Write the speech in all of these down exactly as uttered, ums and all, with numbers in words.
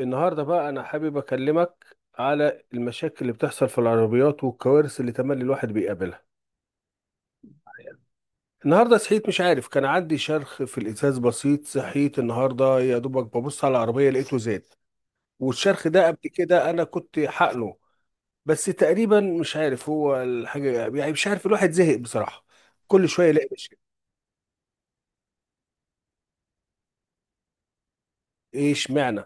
النهاردة بقى أنا حابب أكلمك على المشاكل اللي بتحصل في العربيات والكوارث اللي تملي الواحد بيقابلها. النهاردة صحيت، مش عارف، كان عندي شرخ في الإزاز بسيط. صحيت النهاردة يا دوبك ببص على العربية لقيته زاد. والشرخ ده قبل كده أنا كنت حقنه. بس تقريبا مش عارف هو الحاجة. يعني مش عارف، الواحد زهق بصراحة. كل شوية يلاقي مشكلة. إيه اشمعنى؟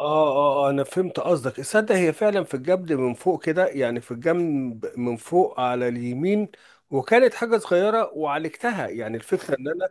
اه، اه، آه، انا فهمت قصدك. تصدق هي فعلا في الجبل من فوق كده، يعني في الجنب من فوق على اليمين. وكانت حاجة صغيرة وعالجتها. يعني الفكرة ان انا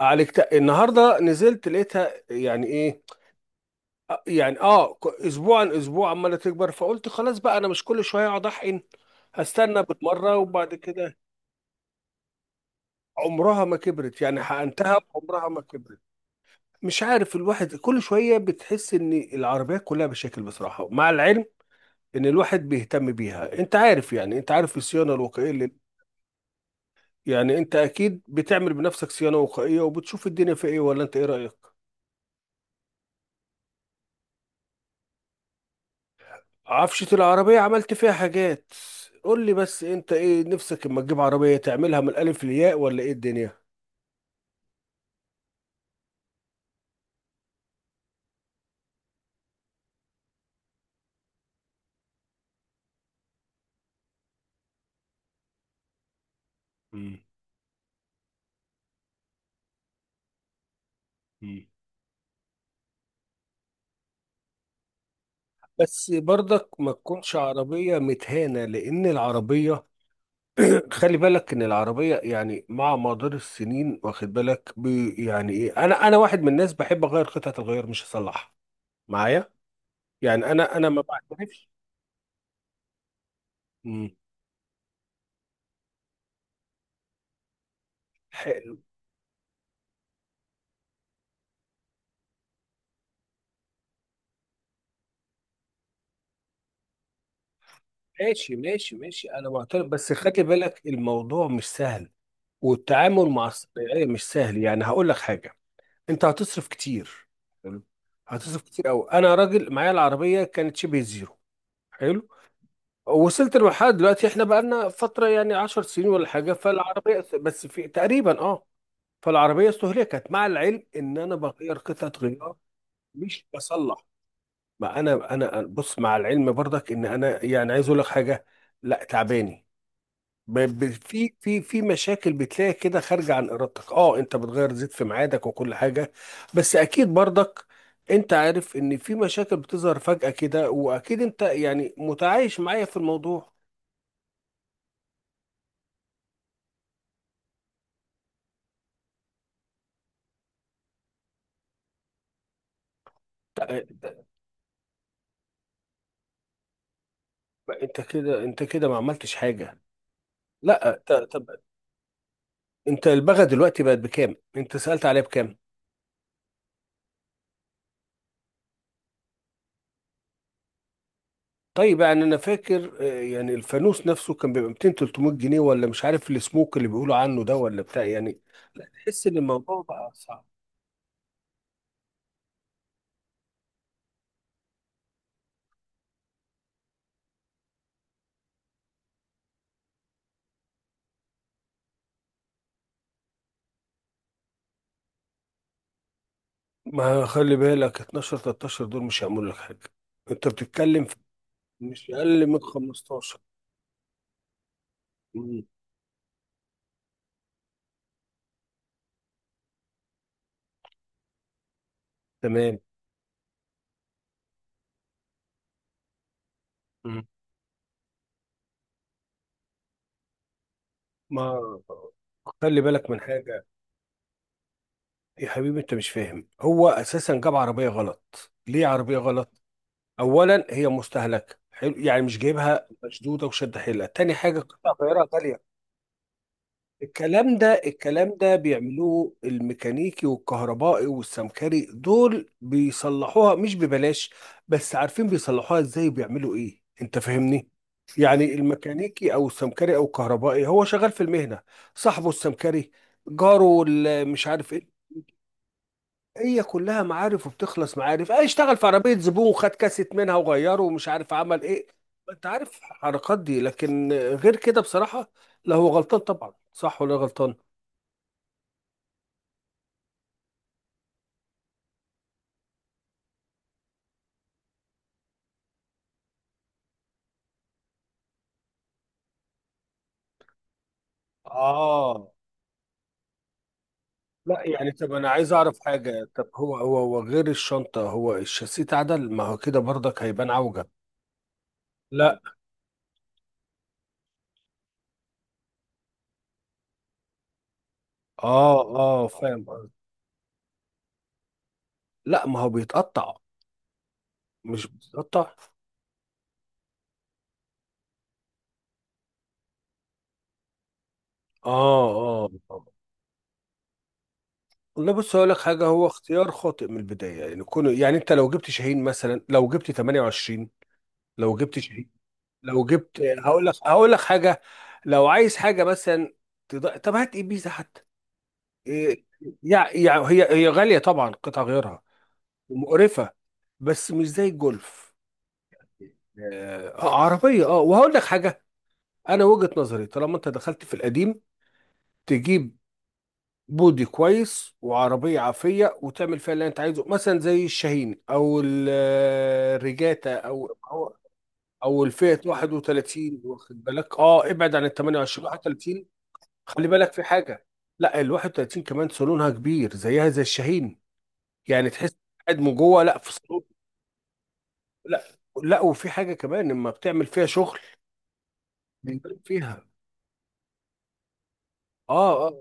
عالجتها، النهاردة نزلت لقيتها يعني ايه. آه، يعني اه ك- اسبوع عن اسبوع عمالة تكبر، فقلت خلاص بقى انا مش كل شوية اقعد احقن. هستنى بالمرة وبعد كده. عمرها ما كبرت، يعني حقنتها عمرها ما كبرت. مش عارف، الواحد كل شوية بتحس ان العربيات كلها بشكل بصراحة، مع العلم ان الواحد بيهتم بيها. انت عارف يعني، انت عارف الصيانه الوقائيه اللي... يعني انت اكيد بتعمل بنفسك صيانه وقائيه وبتشوف الدنيا في ايه، ولا انت ايه رايك؟ عفشه العربيه عملت فيها حاجات. قول لي بس انت ايه نفسك، اما تجيب عربيه تعملها من الالف للياء ولا ايه الدنيا؟ مم. مم. بس برضك ما تكونش عربيه متهانه، لان العربيه خلي بالك ان العربيه يعني مع مدار السنين، واخد بالك بي، يعني ايه، انا انا واحد من الناس بحب اغير قطعه الغيار مش اصلحها. معايا. يعني انا انا ما بعترفش. مم. حلو. ماشي ماشي ماشي، انا معترف، بس خلي بالك الموضوع مش سهل. والتعامل مع الصناعيه مش سهل. يعني هقول لك حاجه، انت هتصرف كتير. حلو. هتصرف كتير قوي. انا راجل معايا العربيه كانت شبه زيرو. حلو. وصلت لمرحله دلوقتي احنا بقالنا فتره، يعني عشر سنين ولا حاجه، فالعربيه بس في تقريبا اه فالعربيه استهلكت، مع العلم ان انا بغير قطعه غيار مش بصلح. ما انا انا بص، مع العلم برضك ان انا يعني عايز اقول لك حاجه، لا تعباني. ب- ب- في في في مشاكل بتلاقي كده خارجه عن ارادتك. اه انت بتغير زيت في ميعادك وكل حاجه، بس اكيد برضك انت عارف ان في مشاكل بتظهر فجاه كده، واكيد انت يعني متعايش معايا في الموضوع. ت- انت كده انت كده ما عملتش حاجه. لا، ت- طب انت، البغا دلوقتي بقت بكام؟ انت سالت عليها بكام؟ طيب، يعني انا فاكر، آه، يعني الفانوس نفسه كان بيبقى ميتين تلتمية جنيه، ولا مش عارف السموك اللي بيقولوا عنه ده ولا بتاع يعني. لا تحس ان الموضوع بقى صعب. ما خلي بالك اتناشر تلتاشر دول مش هيعملوا لك حاجه. انت بتتكلم في مش اقل من خمستاشر. مم. تمام. مم. ما خلي بالك من حاجه. يا حبيبي انت مش فاهم، هو اساسا جاب عربيه غلط. ليه عربيه غلط؟ اولا هي مستهلكه، حلو، يعني مش جايبها مشدوده وشد حيلها. تاني حاجه قطع غيارها غاليه. الكلام ده الكلام ده بيعملوه الميكانيكي والكهربائي والسمكري، دول بيصلحوها مش ببلاش، بس عارفين بيصلحوها ازاي وبيعملوا ايه، انت فاهمني. يعني الميكانيكي او السمكري او الكهربائي هو شغال في المهنة. صاحبه السمكري، جاره ال- مش عارف ايه، هي كلها معارف، وبتخلص معارف. اه اشتغل في عربية زبون وخد كاسيت منها وغيره ومش عارف عمل ايه. انت عارف الحركات دي. لكن غير كده بصراحة، لا هو غلطان طبعا. صح ولا غلطان؟ اه. لا، يعني يعني طب انا عايز اعرف حاجه. طب هو هو هو غير الشنطه، هو الشاسيه اتعدل، ما هو كده برضك هيبان عوجه. لا. اه، اه، فاهم قصدك. لا ما هو بيتقطع. مش بيتقطع. اه، اه. والله بص هقول لك حاجه، هو اختيار خاطئ من البدايه. يعني كونه، يعني انت لو جبت شاهين مثلا، لو جبت ثمانية وعشرين، لو جبت شاهين، لو جبت، هقول لك هقول لك حاجه. لو عايز حاجه مثلا، تض... طب هات ابيزا حتى. إيه، يعني يعني هي هي غالية طبعا قطع غيارها ومقرفة، بس مش زي الجولف. آه آه، عربية، اه وهقول لك حاجة. أنا وجهة نظري، طالما أنت دخلت في القديم، تجيب بودي كويس وعربية عافية وتعمل فيها اللي أنت عايزه، مثلا زي الشاهين أو ال- آه، الريجاتا، أو أو أو الفئة واحد وثلاثين، واخد بالك. اه ابعد عن ال ثمانية وعشرين واحد وثلاثين. خلي بالك في حاجة، لا ال واحد وتلاتين كمان صالونها كبير زيها زي الشاهين. يعني تحس قاعد من جوه لا، في صالون. لا، لا، وفي حاجه كمان لما بتعمل فيها شغل بيبان فيها. اه، اه.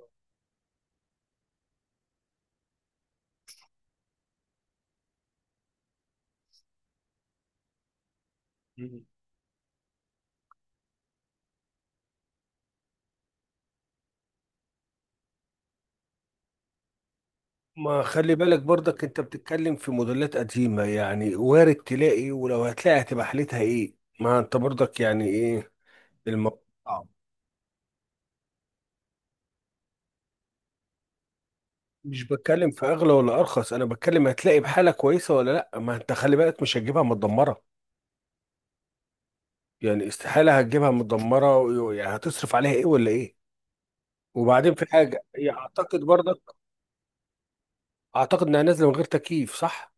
ما خلي بالك برضك انت بتتكلم في موديلات قديمه. يعني وارد تلاقي، ولو هتلاقي هتبقى حالتها ايه؟ ما انت برضك يعني ايه، الموضوع صعب. مش بتكلم في اغلى ولا ارخص، انا بتكلم هتلاقي بحاله كويسه ولا لا. ما انت خلي بالك مش هتجيبها متدمره. يعني استحاله هتجيبها متدمره، ويعني هتصرف عليها ايه ولا ايه؟ وبعدين في حاجه يعني اعتقد برضك، اعتقد انها نازله من غير تكييف، صح؟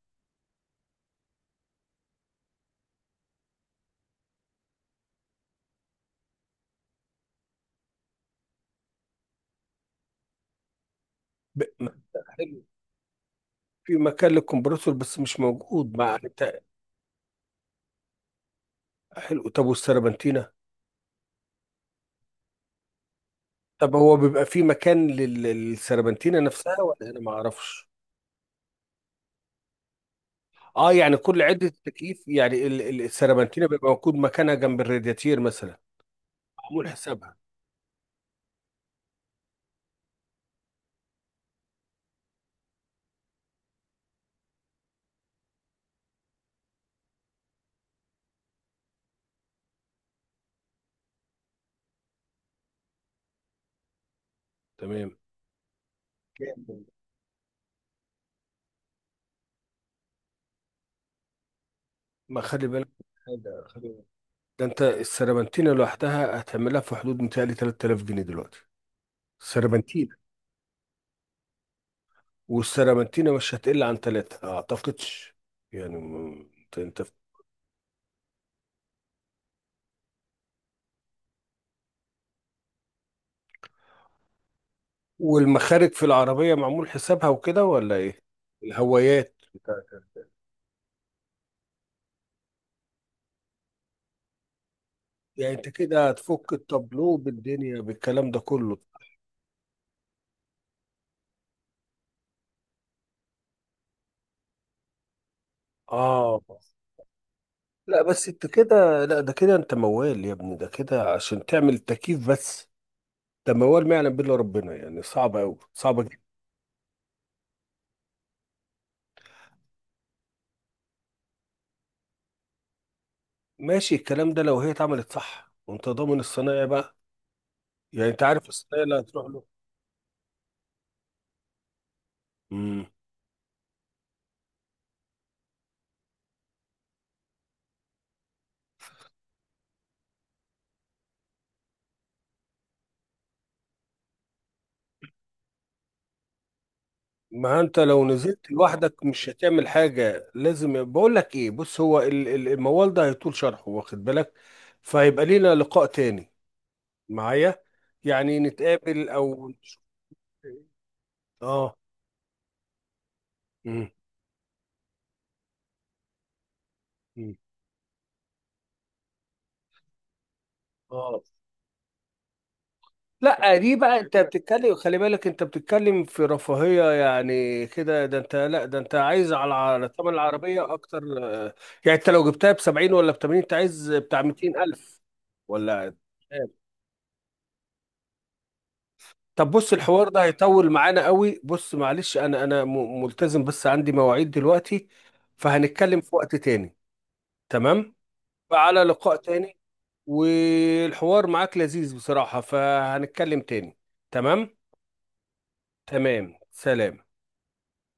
ب... م- حلو. في مكان للكمبرسور بس مش موجود مع ت- حلو، طب والسربنتينه؟ طب هو بيبقى في مكان لل- للسربنتينه نفسها ولا انا ما اعرفش؟ اه يعني كل عده تكييف، يعني ال- ال- السربنتينه بيبقى موجود مكانها جنب الرادياتير مثلا. معمول حسابها. تمام. جامد. ما خلي بالك من حاجة، خلي بالك. ده انت السربنتينه لوحدها هتعملها في حدود متهيألي ثلاثة آلاف جنيه دلوقتي، السربنتينه. والسيرامنتينا مش هتقل عن ثلاثة أعتقدش. يعني م- أنت أنت. والمخارج في العربية معمول حسابها وكده ولا إيه؟ الهوايات بتاعت... يعني أنت كده هتفك التابلو بالدنيا بالكلام ده كله. آه. لا بس أنت كده، لا ده كده أنت موال يا ابني. ده كده عشان تعمل تكييف بس، ده موال ما يعلم بالله ربنا. يعني صعب أوي، صعبة جدا. ماشي الكلام ده لو هي اتعملت صح، وأنت ضامن الصنايعي بقى. يعني أنت عارف الصنايعي اللي هتروح له. مم. ما انت لو نزلت لوحدك مش هتعمل حاجة. لازم، بقول لك ايه، بص، هو ال- ال- الموال ده هيطول شرحه، واخد بالك. فهيبقى لينا لقاء تاني معايا. يعني نتقابل او... اه. مم. مم. اه. لا دي بقى، انت بتتكلم، خلي بالك انت بتتكلم في رفاهية. يعني كده ده انت، لا ده انت عايز على على ثمن العربية اكتر، آه، يعني انت لو جبتها ب سبعين ولا ب تمانين، انت عايز بتاع ميتين الف ولا؟ طب بص الحوار ده هيطول معانا قوي. بص معلش انا انا م- ملتزم، بس عندي مواعيد دلوقتي. فهنتكلم في وقت تاني. تمام. فعلى لقاء تاني. والحوار معاك لذيذ بصراحة، فهنتكلم تاني. تمام. تمام، سلام.